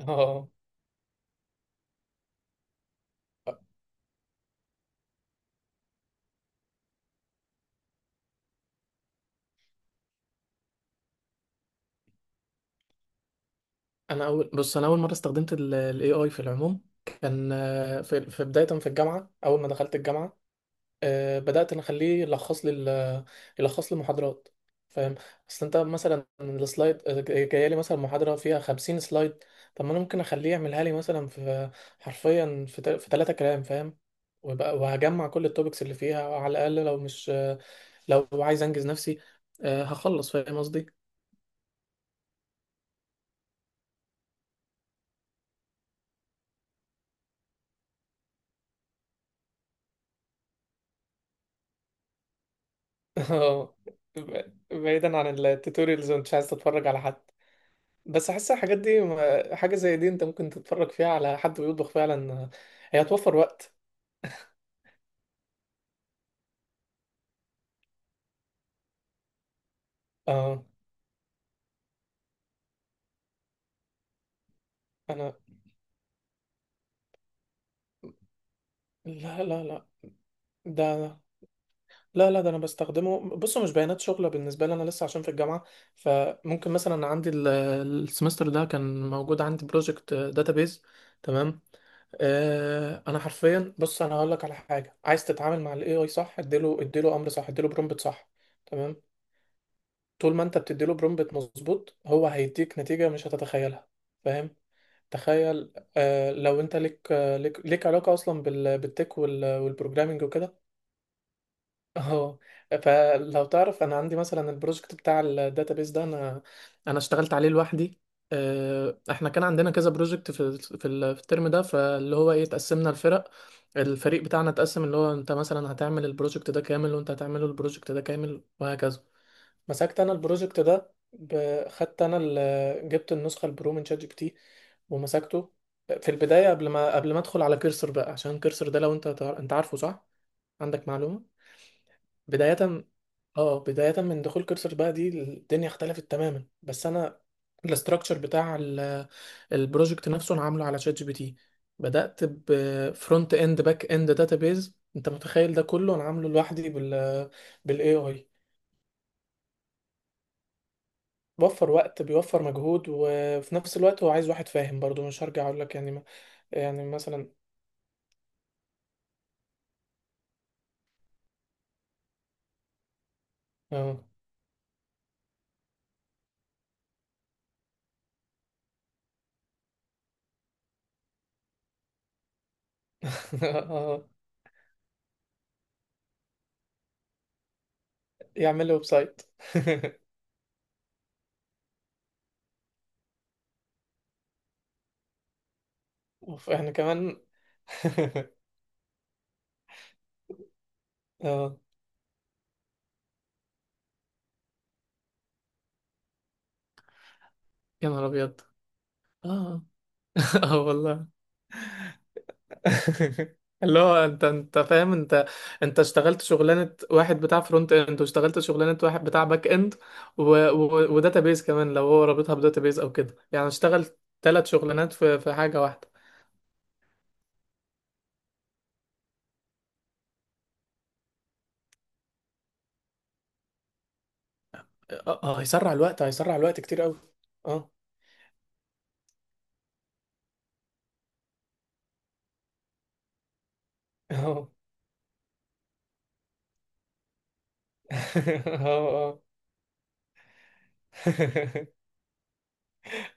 اه، انا اول بص، انا اول مره استخدمت الاي اي في العموم. كان في بدايه، في الجامعه، اول ما دخلت الجامعه بدات انا اخليه يلخص لي المحاضرات. فاهم؟ اصل انت مثلا السلايد، جايه لي مثلا محاضره فيها 50 سلايد. طب ما انا ممكن اخليه يعملها لي مثلا في، حرفيا، في ثلاثه كلام. فاهم؟ وهجمع كل التوبكس اللي فيها، على الاقل لو مش لو عايز انجز نفسي هخلص. فاهم قصدي؟ اه. بعيدا عن التوتوريالز، وانت عايز تتفرج على حد. بس احس الحاجات دي، حاجه زي دي انت ممكن تتفرج فيها على حد بيطبخ فعلا. هي هتوفر وقت. اه، انا. لا لا لا. ده. لا لا، ده انا بستخدمه، بصوا مش بيانات شغله، بالنسبه لي انا لسه عشان في الجامعه. فممكن مثلا السمستر ده كان موجود عندي بروجكت داتابيز، تمام. انا حرفيا، بص، انا هقول لك على حاجه. عايز تتعامل مع الاي اي؟ صح، اديله امر، صح اديله برومبت، صح، تمام. طول ما انت بتديله برومبت مظبوط، هو هيديك نتيجة مش هتتخيلها. فاهم؟ تخيل، لو انت ليك، ليك علاقة اصلا بالتك والبروجرامينج وكده. اه. فلو تعرف، انا عندي مثلا البروجكت بتاع الداتابيس ده، انا اشتغلت عليه لوحدي. احنا كان عندنا كذا بروجكت في الترم ده. فاللي هو ايه، اتقسمنا، الفريق بتاعنا اتقسم، اللي هو، انت مثلا هتعمل البروجكت ده كامل، وانت هتعمله البروجكت ده كامل، وهكذا. مسكت انا البروجكت ده، خدت انا، جبت النسخه البرو من شات جي بي تي، ومسكته. في البدايه، قبل ما ادخل على كيرسر بقى، عشان كيرسر ده، لو انت انت عارفه، صح؟ عندك معلومه. بدايه اه بدايه من دخول كيرسر بقى، دي الدنيا اختلفت تماما. بس انا، الاستراكشر البروجكت نفسه، انا عامله على شات جي بي تي. بدات بفرونت اند، باك اند، داتابيز. انت متخيل ده كله انا عامله لوحدي بالاي اي؟ بيوفر وقت، بيوفر مجهود، وفي نفس الوقت هو عايز واحد فاهم برضو، مش هرجع اقول لك يعني، ما يعني مثلا. اه. آه، يعمل له ويب سايت. اوف، احنا كمان. اه، يا نهار ابيض. اه، اه والله. اللي هو، انت فاهم، انت اشتغلت شغلانه واحد بتاع فرونت اند، واشتغلت شغلانه واحد بتاع باك اند، وداتابيز كمان، لو هو رابطها بداتابيز او كده، يعني اشتغل ثلاث شغلانات في حاجه واحده. اه، هيسرع الوقت، هيسرع الوقت كتير قوي. اه، اه. اه، اه.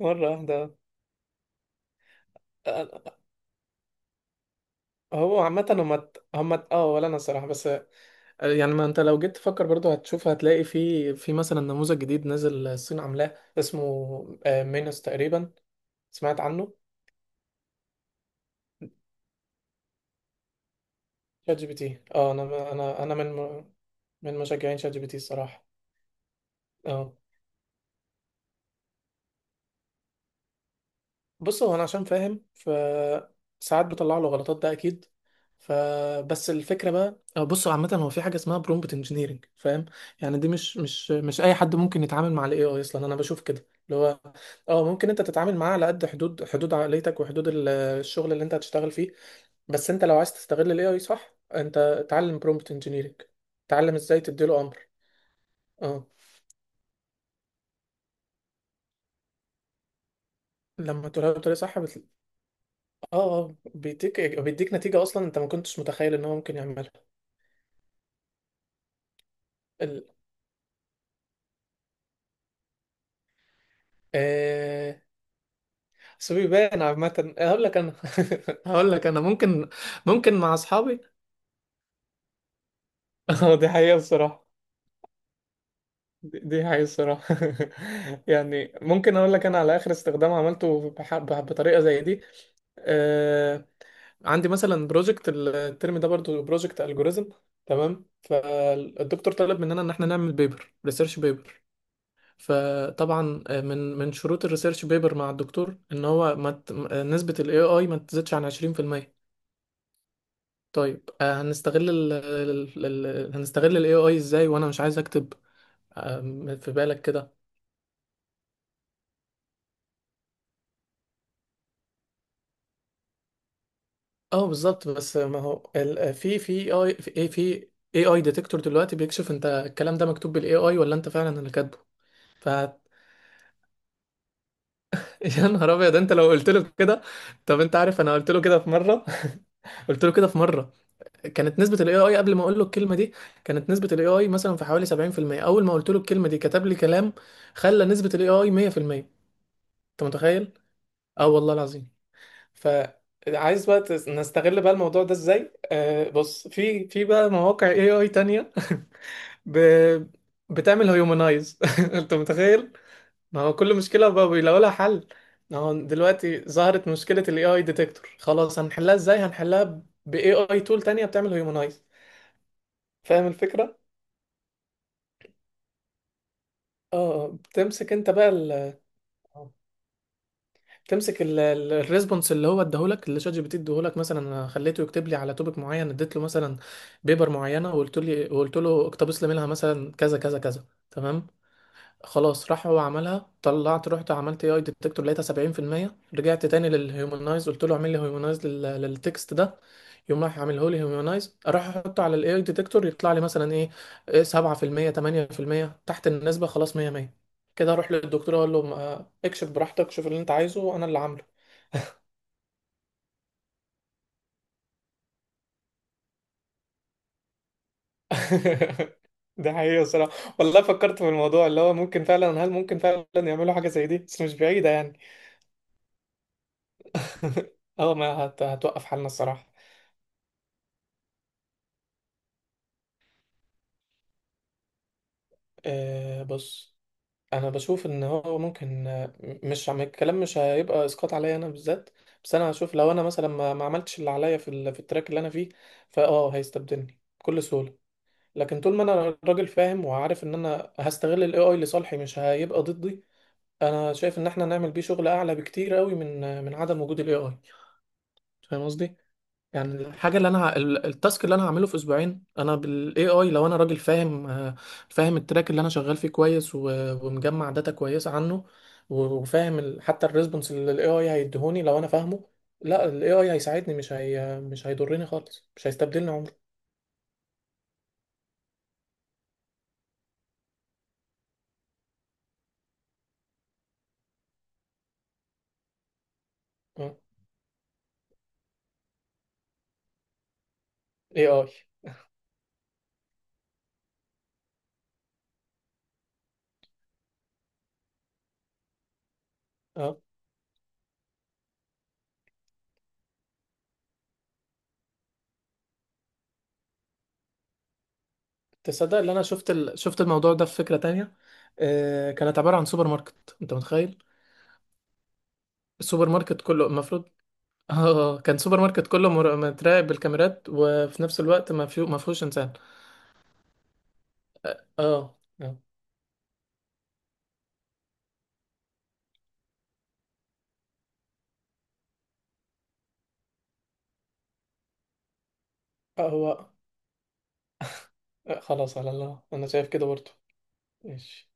مرة واحدة. آه، آه، هو عامة، هما ت- هما ت- اه ولا انا الصراحة، بس يعني ما انت لو جيت تفكر برضو هتشوف، في مثلا نموذج جديد نزل الصين عاملاه اسمه مينوس تقريبا. سمعت عنه؟ شات جي بي تي. اه، انا من مشجعين شات جي بي تي، الصراحة. اه، بص، هو انا عشان فاهم، فساعات بطلع له غلطات، ده اكيد. فبس الفكره بقى، بص، هو عامه هو في حاجه اسمها برومبت انجينيرنج. فاهم؟ يعني دي مش اي حد ممكن يتعامل مع الاي اي اصلا. انا بشوف كده، اللي هو، اه، ممكن انت تتعامل معاه على قد حدود عقليتك، وحدود الشغل اللي انت هتشتغل فيه. بس انت لو عايز تستغل الاي اي صح، انت اتعلم برومبت انجينيرنج، اتعلم ازاي تديله امر. اه، لما تقولها بطريقه صح بتل... اه آه، بيديك بيديك نتيجه اصلا انت ما كنتش متخيل ان هو ممكن يعملها. آه، بس بيبان عامة، هقول لك انا. هقول لك انا، ممكن، مع اصحابي. اه، دي حقيقة بصراحة. دي حقيقة بصراحة. يعني ممكن اقول لك انا على اخر استخدام عملته بطريقة زي دي. آه، عندي مثلا بروجكت الترم ده برضو، بروجكت الجوريزم، تمام. الدكتور طلب مننا ان احنا نعمل ريسيرش بيبر. فطبعا من شروط الريسيرش بيبر مع الدكتور، ان هو ما ت- نسبة الاي اي ما تزيدش عن 20%. طيب هنستغل ال AI ازاي، وانا مش عايز اكتب، آه، في بالك كده. اه، بالظبط. بس ما هو ال- في في اي في إيه، في AI ديتكتور دلوقتي بيكشف انت الكلام ده مكتوب بال AI ولا انت فعلا اللي كاتبه. ف يا نهار ابيض، انت لو قلت له كده. طب انت عارف، انا قلت له كده في مره. قلت له كده في مره. كانت نسبه الاي اي قبل ما اقول له الكلمه دي، كانت نسبه الاي اي مثلا في حوالي 70%. اول ما قلت له الكلمه دي، كتب لي كلام خلى نسبه الاي اي 100%. انت متخيل؟ اه والله العظيم. فعايز بقى نستغل بقى الموضوع ده ازاي؟ بص، في بقى مواقع اي اي تانية، ب... بتعمل هيومنايز. انت متخيل؟ ما هو كل مشكلة بقى بيلاقوا لها حل. ما هو دلوقتي ظهرت مشكلة الاي اي ديتكتور، خلاص، هنحلها ازاي؟ هنحلها باي اي تول تانية بتعمل هيومنايز. فاهم الفكرة؟ اه بتمسك انت بقى، تمسك الريسبونس اللي هو اداهولك، اللي شات جي بي تي اداهولك. مثلا أنا خليته يكتب لي على توبيك معين، اديت له مثلا بيبر معينه، وقلت له اقتبس لي منها مثلا كذا كذا كذا، تمام. خلاص، راح هو عملها. طلعت رحت عملت اي اي ديتكتور، لقيتها 70%. رجعت تاني للهيومنايز، قلت له اعمل لي هيومنايز للتكست ده. يقوم راح عامله لي هيومنايز، اروح احطه على الاي اي ديتكتور يطلع لي مثلا ايه إيه 7%، 8%، تحت النسبه، خلاص. 100 100. كده اروح للدكتور اقول له، اكشف براحتك، شوف اللي انت عايزه، انا اللي عامله. ده حقيقي الصراحة، والله فكرت في الموضوع اللي هو، ممكن فعلا، هل ممكن فعلا يعملوا حاجة زي دي؟ بس مش بعيدة يعني. اه، ما هتوقف حالنا الصراحة. بص، انا بشوف ان هو ممكن، مش عم الكلام، مش هيبقى اسقاط عليا انا بالذات. بس انا هشوف، لو انا مثلا ما عملتش اللي عليا في التراك اللي انا فيه، هيستبدلني بكل سهولة. لكن طول ما انا راجل فاهم وعارف ان انا هستغل الاي اي لصالحي، مش هيبقى ضدي. انا شايف ان احنا نعمل بيه شغل اعلى بكتير قوي من عدم وجود الاي اي. فاهم قصدي؟ يعني الحاجه اللي انا التاسك اللي انا هعمله في اسبوعين انا بالاي اي، لو انا راجل فاهم، فاهم التراك اللي انا شغال فيه كويس، ومجمع داتا كويسه عنه، وفاهم حتى الريسبونس اللي الاي اي هيديهوني، لو انا فاهمه، لا، الاي اي هيساعدني، مش هيضرني خالص، مش هيستبدلني عمري. اه. اي اي. اه. تصدق ان انا شفت الموضوع ده في فكره تانية. كانت عباره عن سوبر ماركت، انت متخيل؟ السوبر ماركت كله المفروض. اه، كان سوبر ماركت كله متراقب بالكاميرات، وفي نفس الوقت ما فيهوش انسان. اه آه. هو، خلاص على الله، انا شايف كده برضه. ماشي.